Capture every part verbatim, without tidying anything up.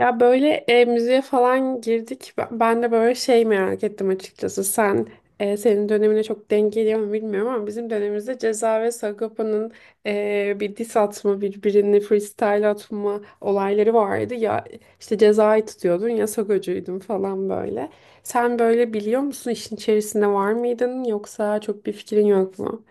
Ya böyle e, müziğe falan girdik. Ben ben de böyle şey merak ettim açıkçası. Sen e, senin dönemine çok denk geliyor mu bilmiyorum, ama bizim dönemimizde Ceza ve Sagopa'nın e, bir diss atma, birbirini freestyle atma olayları vardı. Ya işte Ceza'yı tutuyordun, ya Sagocuydun falan, böyle. Sen böyle biliyor musun, işin içerisinde var mıydın yoksa çok bir fikrin yok mu?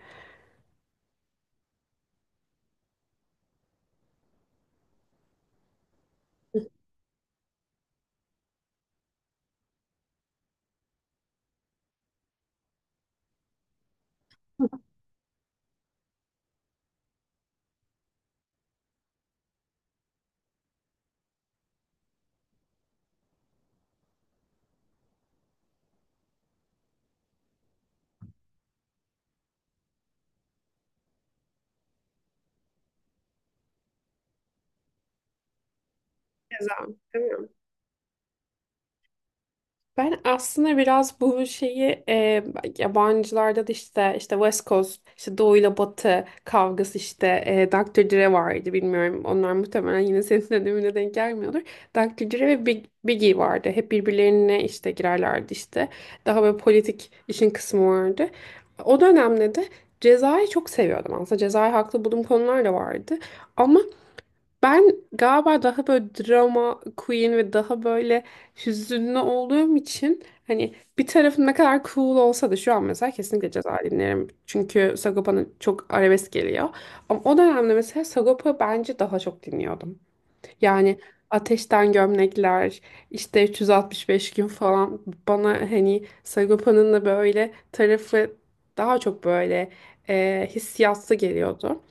Ceza, değil mi? Ben aslında biraz bu şeyi e, yabancılarda da işte işte West Coast, işte Doğu ile Batı kavgası işte, e, doktor Dre vardı, bilmiyorum. Onlar muhtemelen yine senin dönemine denk gelmiyordur. doktor Dre ve Big, Biggie vardı. Hep birbirlerine işte girerlerdi işte. Daha böyle politik işin kısmı vardı. O dönemde de Ceza'yı çok seviyordum aslında. Ceza'yı haklı bulduğum konular da vardı. Ama ben galiba daha böyle drama queen ve daha böyle hüzünlü olduğum için, hani bir tarafım ne kadar cool olsa da, şu an mesela kesinlikle ceza dinlerim. Çünkü Sagopa'nın çok arabesk geliyor. Ama o dönemde mesela Sagopa bence daha çok dinliyordum. Yani Ateşten Gömlekler, işte üç yüz altmış beş gün falan, bana hani Sagopa'nın da böyle tarafı daha çok böyle e, hissiyatlı geliyordu.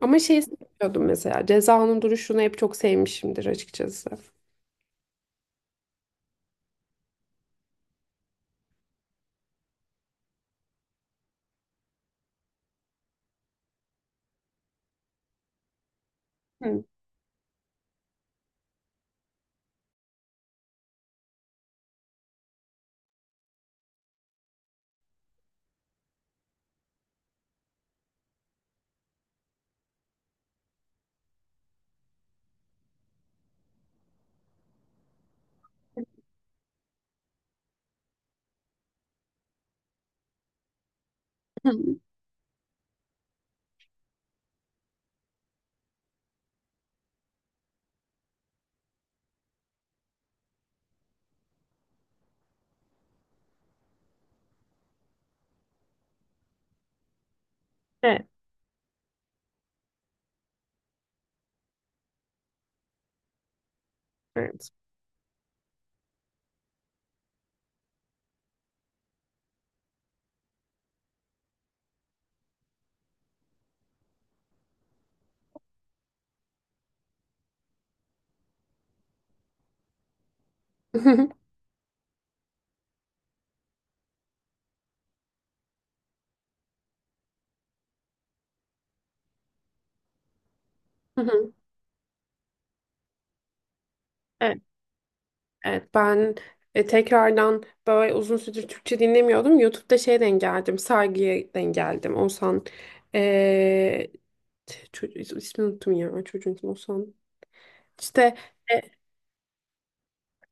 Ama şeyi seviyordum mesela. Ceza'nın duruşunu hep çok sevmişimdir açıkçası. Hı. Hı. Evet. Evet. Hı hı. Evet, evet. Ben e, tekrardan böyle uzun süredir Türkçe dinlemiyordum. YouTube'da şey denk geldim. Saygıya denk geldim. Oğuzhan, e, çocuk, ismini unuttum ya, çocuğun ismi Oğuzhan. İşte e,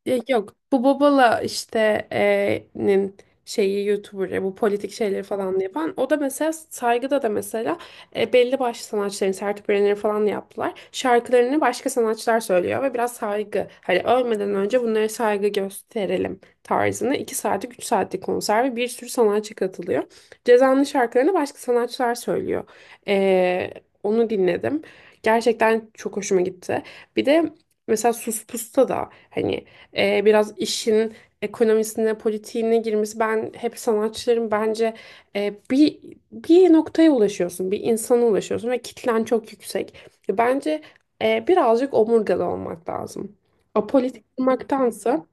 ya yok, bu Bobala işte e, nin şeyi, YouTuber'ı, bu politik şeyleri falan yapan, o da mesela saygıda da mesela e, belli başlı sanatçıların sertüplerini falan yaptılar. Şarkılarını başka sanatçılar söylüyor ve biraz saygı, hani ölmeden önce bunlara saygı gösterelim tarzında, iki saatlik üç saatlik konser ve bir sürü sanatçı katılıyor. Ceza'nın şarkılarını başka sanatçılar söylüyor. E, onu dinledim. Gerçekten çok hoşuma gitti. Bir de mesela Sus Pus'ta da hani e, biraz işin ekonomisine, politiğine girmesi. Ben hep sanatçıların bence e, bir bir noktaya ulaşıyorsun, bir insana ulaşıyorsun ve kitlen çok yüksek. Bence e, birazcık omurgalı olmak lazım. Apolitik, hı, olmaktansa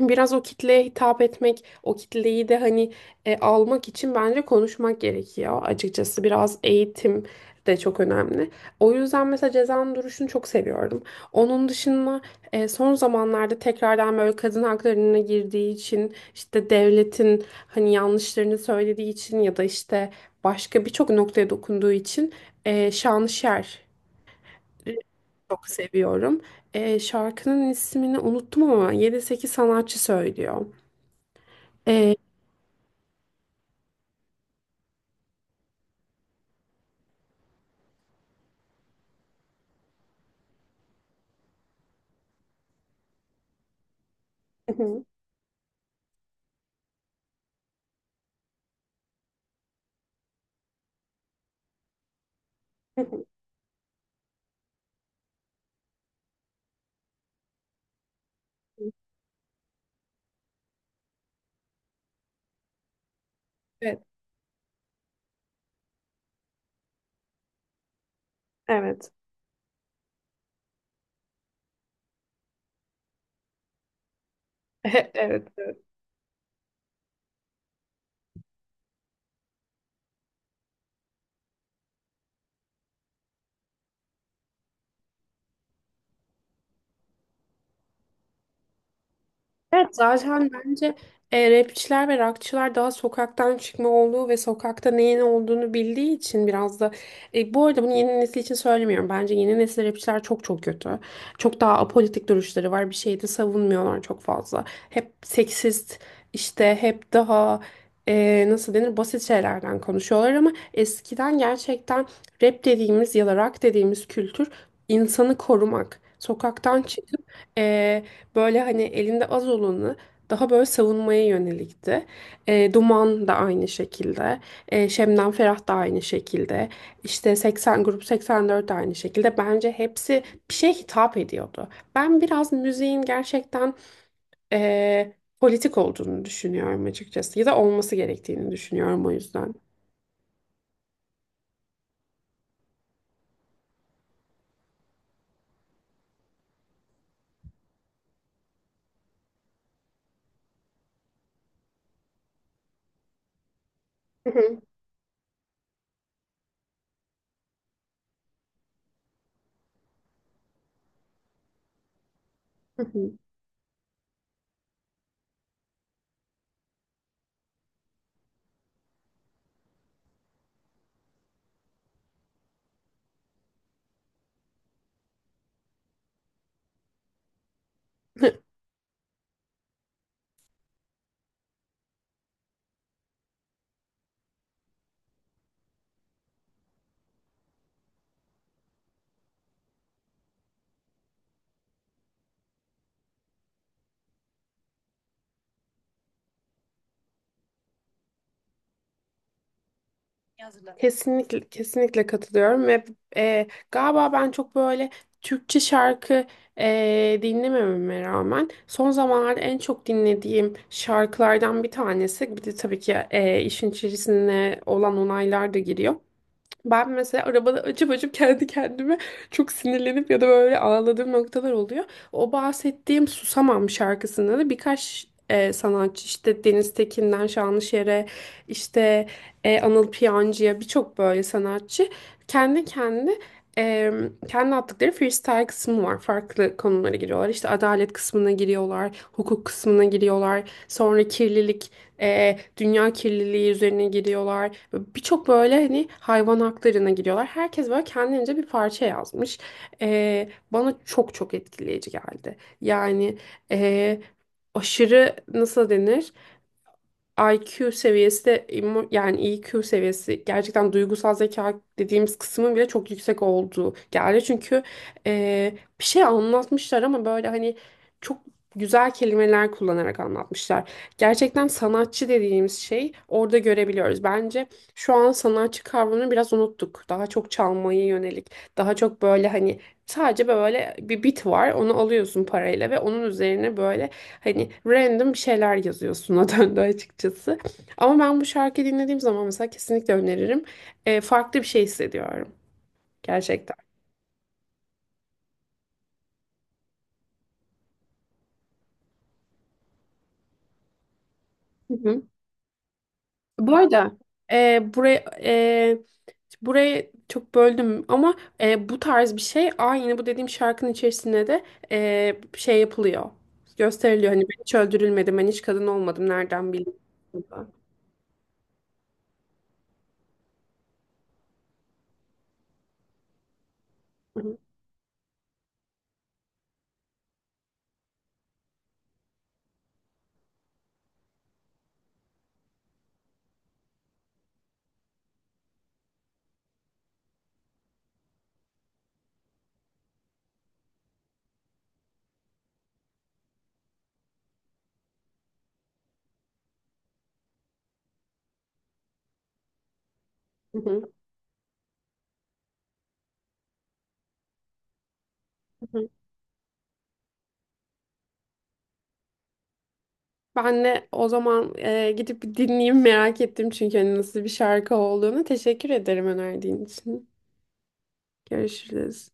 biraz o kitleye hitap etmek, o kitleyi de hani e, almak için bence konuşmak gerekiyor. Açıkçası biraz eğitim de çok önemli. O yüzden mesela Ceza'nın duruşunu çok seviyorum. Onun dışında e, son zamanlarda tekrardan böyle kadın haklarına girdiği için, işte devletin hani yanlışlarını söylediği için, ya da işte başka birçok noktaya dokunduğu için e, Şanışer çok seviyorum. E, şarkının ismini unuttum ama yedi sekiz sanatçı söylüyor. Ee, Hı hı, hı hı. Evet. Evet. Evet. Evet. Evet, zaten bence e, rapçiler ve rockçılar daha sokaktan çıkma olduğu ve sokakta neyin olduğunu bildiği için, biraz da e, bu arada bunu yeni nesil için söylemiyorum. Bence yeni nesil rapçiler çok çok kötü. Çok daha apolitik duruşları var. Bir şeyi de savunmuyorlar çok fazla. Hep seksist, işte hep daha e, nasıl denir, basit şeylerden konuşuyorlar, ama eskiden gerçekten rap dediğimiz ya da rock dediğimiz kültür insanı korumak. Sokaktan çıkıp e, böyle hani elinde az olanı daha böyle savunmaya yönelikti. E, Duman da aynı şekilde. E, Şebnem Ferah da aynı şekilde. İşte seksen grup seksen dört de aynı şekilde. Bence hepsi bir şeye hitap ediyordu. Ben biraz müziğin gerçekten e, politik olduğunu düşünüyorum açıkçası. Ya da olması gerektiğini düşünüyorum, o yüzden. Hı hı, hı hı. De. Kesinlikle kesinlikle katılıyorum ve e, galiba ben çok böyle Türkçe şarkı e, dinlemememe rağmen, son zamanlarda en çok dinlediğim şarkılardan bir tanesi, bir de tabii ki e, işin içerisine olan onaylar da giriyor. Ben mesela arabada açıp açıp kendi kendime çok sinirlenip ya da böyle ağladığım noktalar oluyor. O bahsettiğim Susamam şarkısında da birkaç e, sanatçı, işte Deniz Tekin'den Şanlışer'e, işte e, Anıl Piyancı'ya, birçok böyle sanatçı kendi kendi e, kendi attıkları freestyle kısmı var. Farklı konulara giriyorlar. İşte adalet kısmına giriyorlar, hukuk kısmına giriyorlar. Sonra kirlilik, e, dünya kirliliği üzerine giriyorlar. Birçok böyle hani hayvan haklarına giriyorlar. Herkes böyle kendince bir parça yazmış. E, bana çok çok etkileyici geldi. Yani e, aşırı, nasıl denir? I Q seviyesi de emo- yani E Q seviyesi, gerçekten duygusal zeka dediğimiz kısmın bile çok yüksek olduğu geldi. Çünkü e, bir şey anlatmışlar ama böyle hani çok güzel kelimeler kullanarak anlatmışlar. Gerçekten sanatçı dediğimiz şey orada görebiliyoruz. Bence şu an sanatçı kavramını biraz unuttuk. Daha çok çalmaya yönelik, daha çok böyle hani sadece böyle bir bit var. Onu alıyorsun parayla ve onun üzerine böyle hani random bir şeyler yazıyorsun o döndü açıkçası. Ama ben bu şarkıyı dinlediğim zaman mesela kesinlikle öneririm. Ee, farklı bir şey hissediyorum gerçekten. Hı hı. Bu arada e, buraya e, burayı çok böldüm ama e, bu tarz bir şey, aynı bu dediğim şarkının içerisinde de e, şey yapılıyor. Gösteriliyor hani, ben hiç öldürülmedim, ben hiç kadın olmadım, nereden bileyim. Hı hı. Hı hı. Ben de o zaman e, gidip bir dinleyeyim, merak ettim çünkü hani nasıl bir şarkı olduğunu. Teşekkür ederim önerdiğin için. Görüşürüz.